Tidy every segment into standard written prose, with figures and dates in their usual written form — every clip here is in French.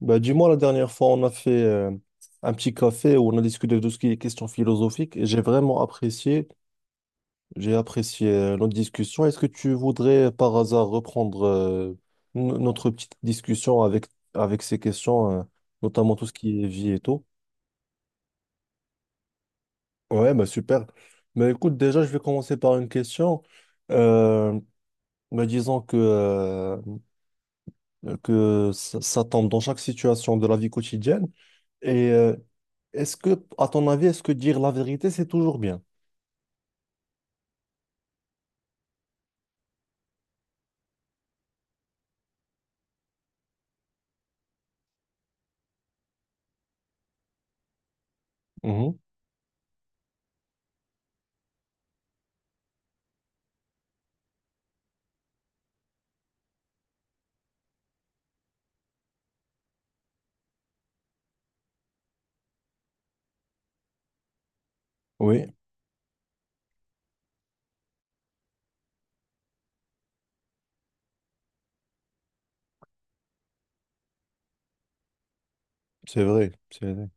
Bah, dis-moi, la dernière fois, on a fait un petit café où on a discuté de tout ce qui est questions philosophiques et j'ai vraiment apprécié. J'ai apprécié notre discussion. Est-ce que tu voudrais par hasard reprendre notre petite discussion avec ces questions, notamment tout ce qui est vie et tout? Ouais, bah super. Mais écoute, déjà, je vais commencer par une question. Euh, Disons que ça tombe dans chaque situation de la vie quotidienne. Et euh, Est-ce que, à ton avis, est-ce que dire la vérité, c'est toujours bien? Mhm. Oui, c'est vrai, c'est vrai,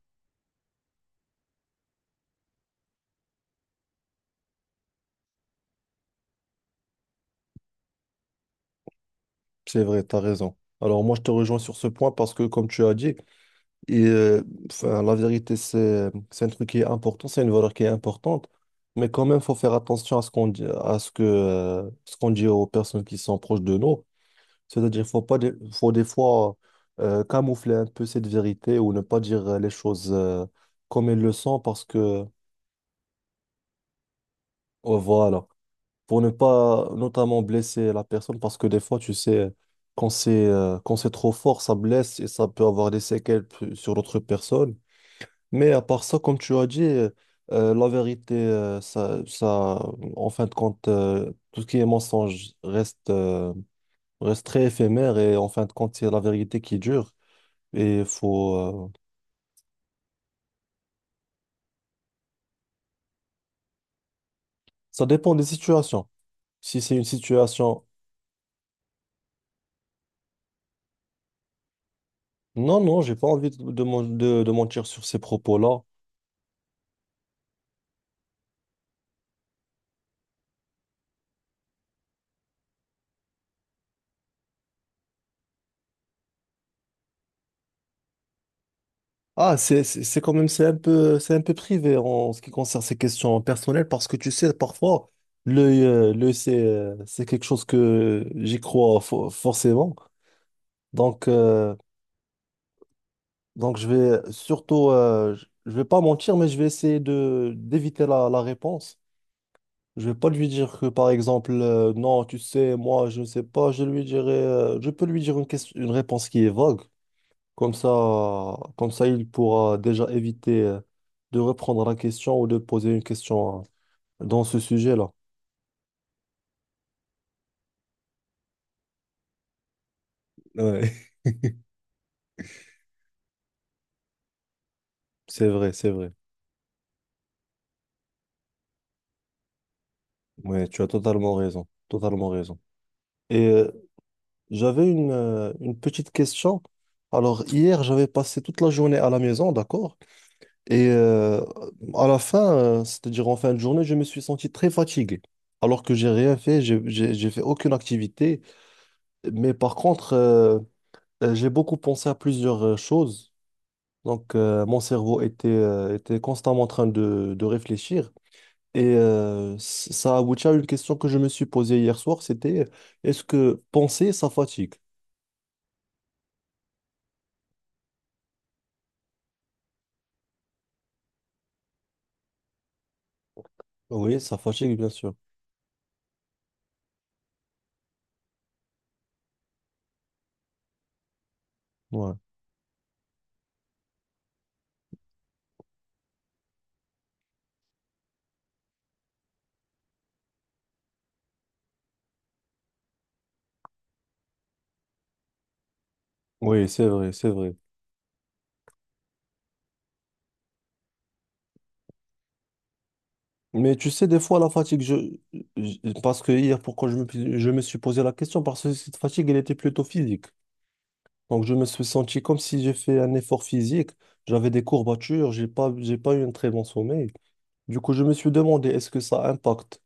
c'est vrai, t'as raison. Alors moi, je te rejoins sur ce point parce que, comme tu as dit, et, euh, la vérité, c'est un truc qui est important, c'est une valeur qui est importante, mais quand même, faut faire attention à ce qu'on dit, à ce ce qu'on dit aux personnes qui sont proches de nous. C'est-à-dire, faut pas, des- faut des fois camoufler un peu cette vérité ou ne pas dire les choses comme elles le sont voilà, pour ne pas notamment blesser la personne parce que des fois, tu sais, quand c'est trop fort, ça blesse et ça peut avoir des séquelles sur l'autre personne. Mais à part ça, comme tu as dit, la vérité, ça, en fin de compte, tout ce qui est mensonge reste très éphémère et en fin de compte, c'est la vérité qui dure. Et faut, euh, Ça dépend des situations. Si c'est une situation... Non, non, j'ai pas envie de mentir sur ces propos-là. Ah, c'est quand même, c'est un peu privé en ce qui concerne ces questions personnelles parce que tu sais, parfois, l'œil, c'est quelque chose que j'y crois forcément. Donc, euh, Donc, je vais surtout, je vais pas mentir, mais je vais essayer de d'éviter la réponse. Je vais pas lui dire que, par exemple, non, tu sais, moi, je ne sais pas. Je lui dirai, je peux lui dire une réponse qui est vague. Comme ça, Comme ça, il pourra déjà éviter, de reprendre la question ou de poser une question, dans ce sujet-là. Ouais. C'est vrai, c'est vrai. Ouais, tu as totalement raison, totalement raison. Et euh, J'avais une petite question. Alors, hier, j'avais passé toute la journée à la maison, d'accord? Et euh, à la fin, c'est-à-dire en fin de journée, je me suis senti très fatigué. Alors que j'ai rien fait, j'ai fait aucune activité. Mais par contre, euh, j'ai beaucoup pensé à plusieurs choses. Mon cerveau était constamment en train de réfléchir. Ça aboutit à une question que je me suis posée hier soir, c'était est-ce que penser, ça fatigue? Oui, ça fatigue, bien sûr. Ouais. Oui, c'est vrai, c'est vrai. Mais tu sais, des fois, la fatigue, je- parce que hier, pourquoi je me suis posé la question? Parce que cette fatigue, elle était plutôt physique. Donc, je me suis senti comme si j'ai fait un effort physique. J'avais des courbatures, j'ai pas eu un très bon sommeil. Du coup, je me suis demandé, est-ce que ça impacte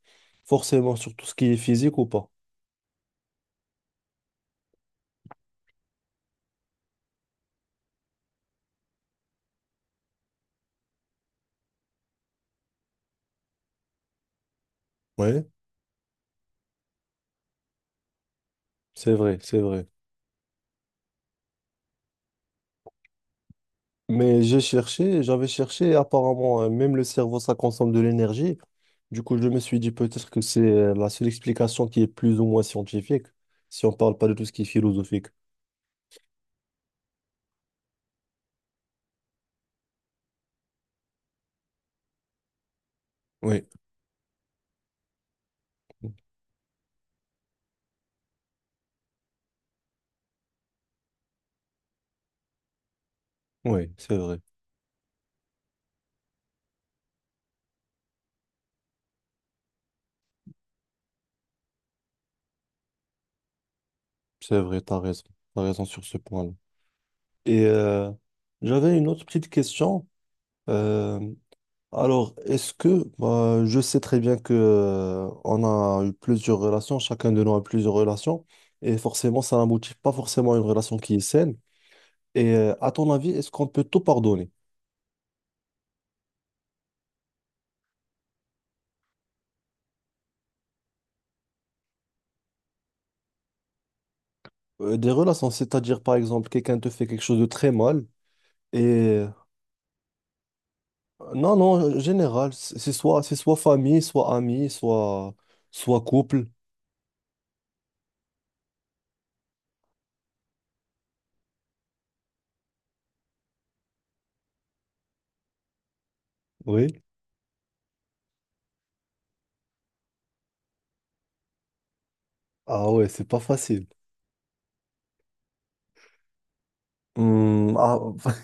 forcément sur tout ce qui est physique ou pas? Oui, c'est vrai, c'est vrai. Mais j'ai cherché, j'avais cherché, et apparemment, même le cerveau, ça consomme de l'énergie. Du coup, je me suis dit peut-être que c'est la seule explication qui est plus ou moins scientifique, si on parle pas de tout ce qui est philosophique. Oui, oui, c'est vrai, t'as raison sur ce point-là. Et euh, J'avais une autre petite question. Euh, alors, est-ce que, bah, je sais très bien que on a eu plusieurs relations, chacun de nous a eu plusieurs relations, et forcément, ça n'aboutit pas forcément à une relation qui est saine. À ton avis, est-ce qu'on peut tout pardonner? Des relations, c'est-à-dire par exemple, quelqu'un te fait quelque chose de très mal. Et euh, non, non, en général, c'est soit famille, soit ami, soit couple. Oui. Ah ouais, c'est pas facile. Hmm, ah,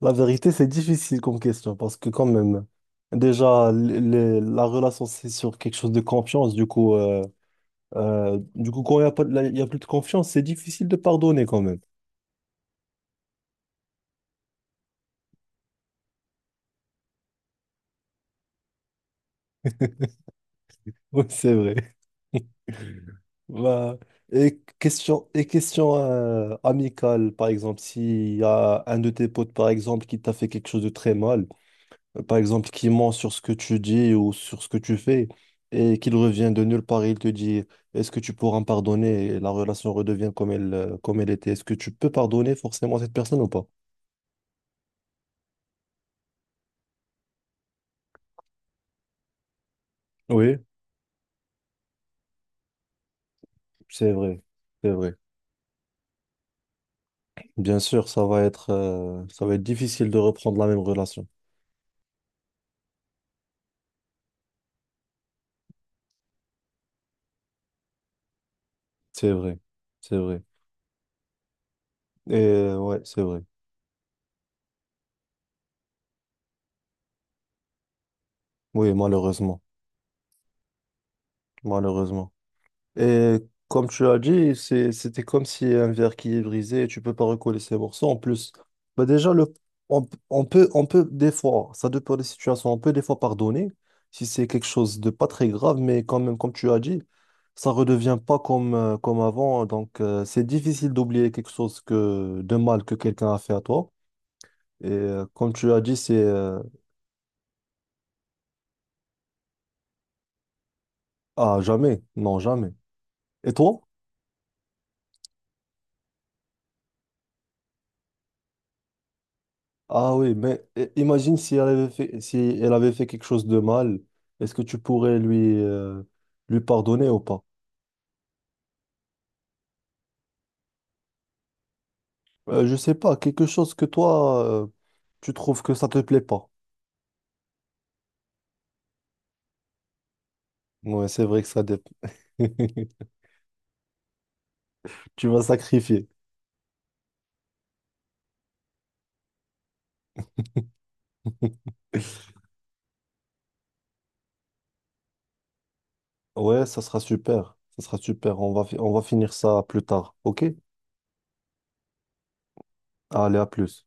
la vérité, c'est difficile comme question parce que quand même, déjà, la relation, c'est sur quelque chose de confiance. Du coup, quand il n'y a pas, de- il y a plus de confiance, c'est difficile de pardonner quand même. Oui, c'est vrai. Bah, et question amicale, par exemple, s'il y a un de tes potes, par exemple, qui t'a fait quelque chose de très mal, par exemple, qui ment sur ce que tu dis ou sur ce que tu fais, et qu'il revient de nulle part, il te dit, est-ce que tu pourras me pardonner? Et la relation redevient comme elle était. Est-ce que tu peux pardonner forcément cette personne ou pas? Oui, c'est vrai. C'est vrai. Bien sûr, ça va être difficile de reprendre la même relation. C'est vrai, c'est vrai. Ouais, c'est vrai. Oui, malheureusement, malheureusement. Et comme tu as dit, c'était comme si un verre qui est brisé, tu peux pas recoller ses morceaux. En plus, bah déjà le, on, p- on peut des fois, ça dépend des situations, on peut des fois pardonner si c'est quelque chose de pas très grave, mais quand même, comme tu as dit, ça redevient pas comme avant. Donc, c'est difficile d'oublier quelque chose de mal que quelqu'un a fait à toi. Et comme tu as dit, c'est Ah jamais, non jamais. Et toi? Ah oui, mais imagine si elle avait fait, si elle avait fait quelque chose de mal, est-ce que tu pourrais lui pardonner ou pas? Je sais pas, quelque chose que toi tu trouves que ça te plaît pas. Ouais, c'est vrai que ça dépend. Tu vas sacrifier. Ouais, ça sera super, ça sera super. On va finir ça plus tard, ok? Allez, à plus.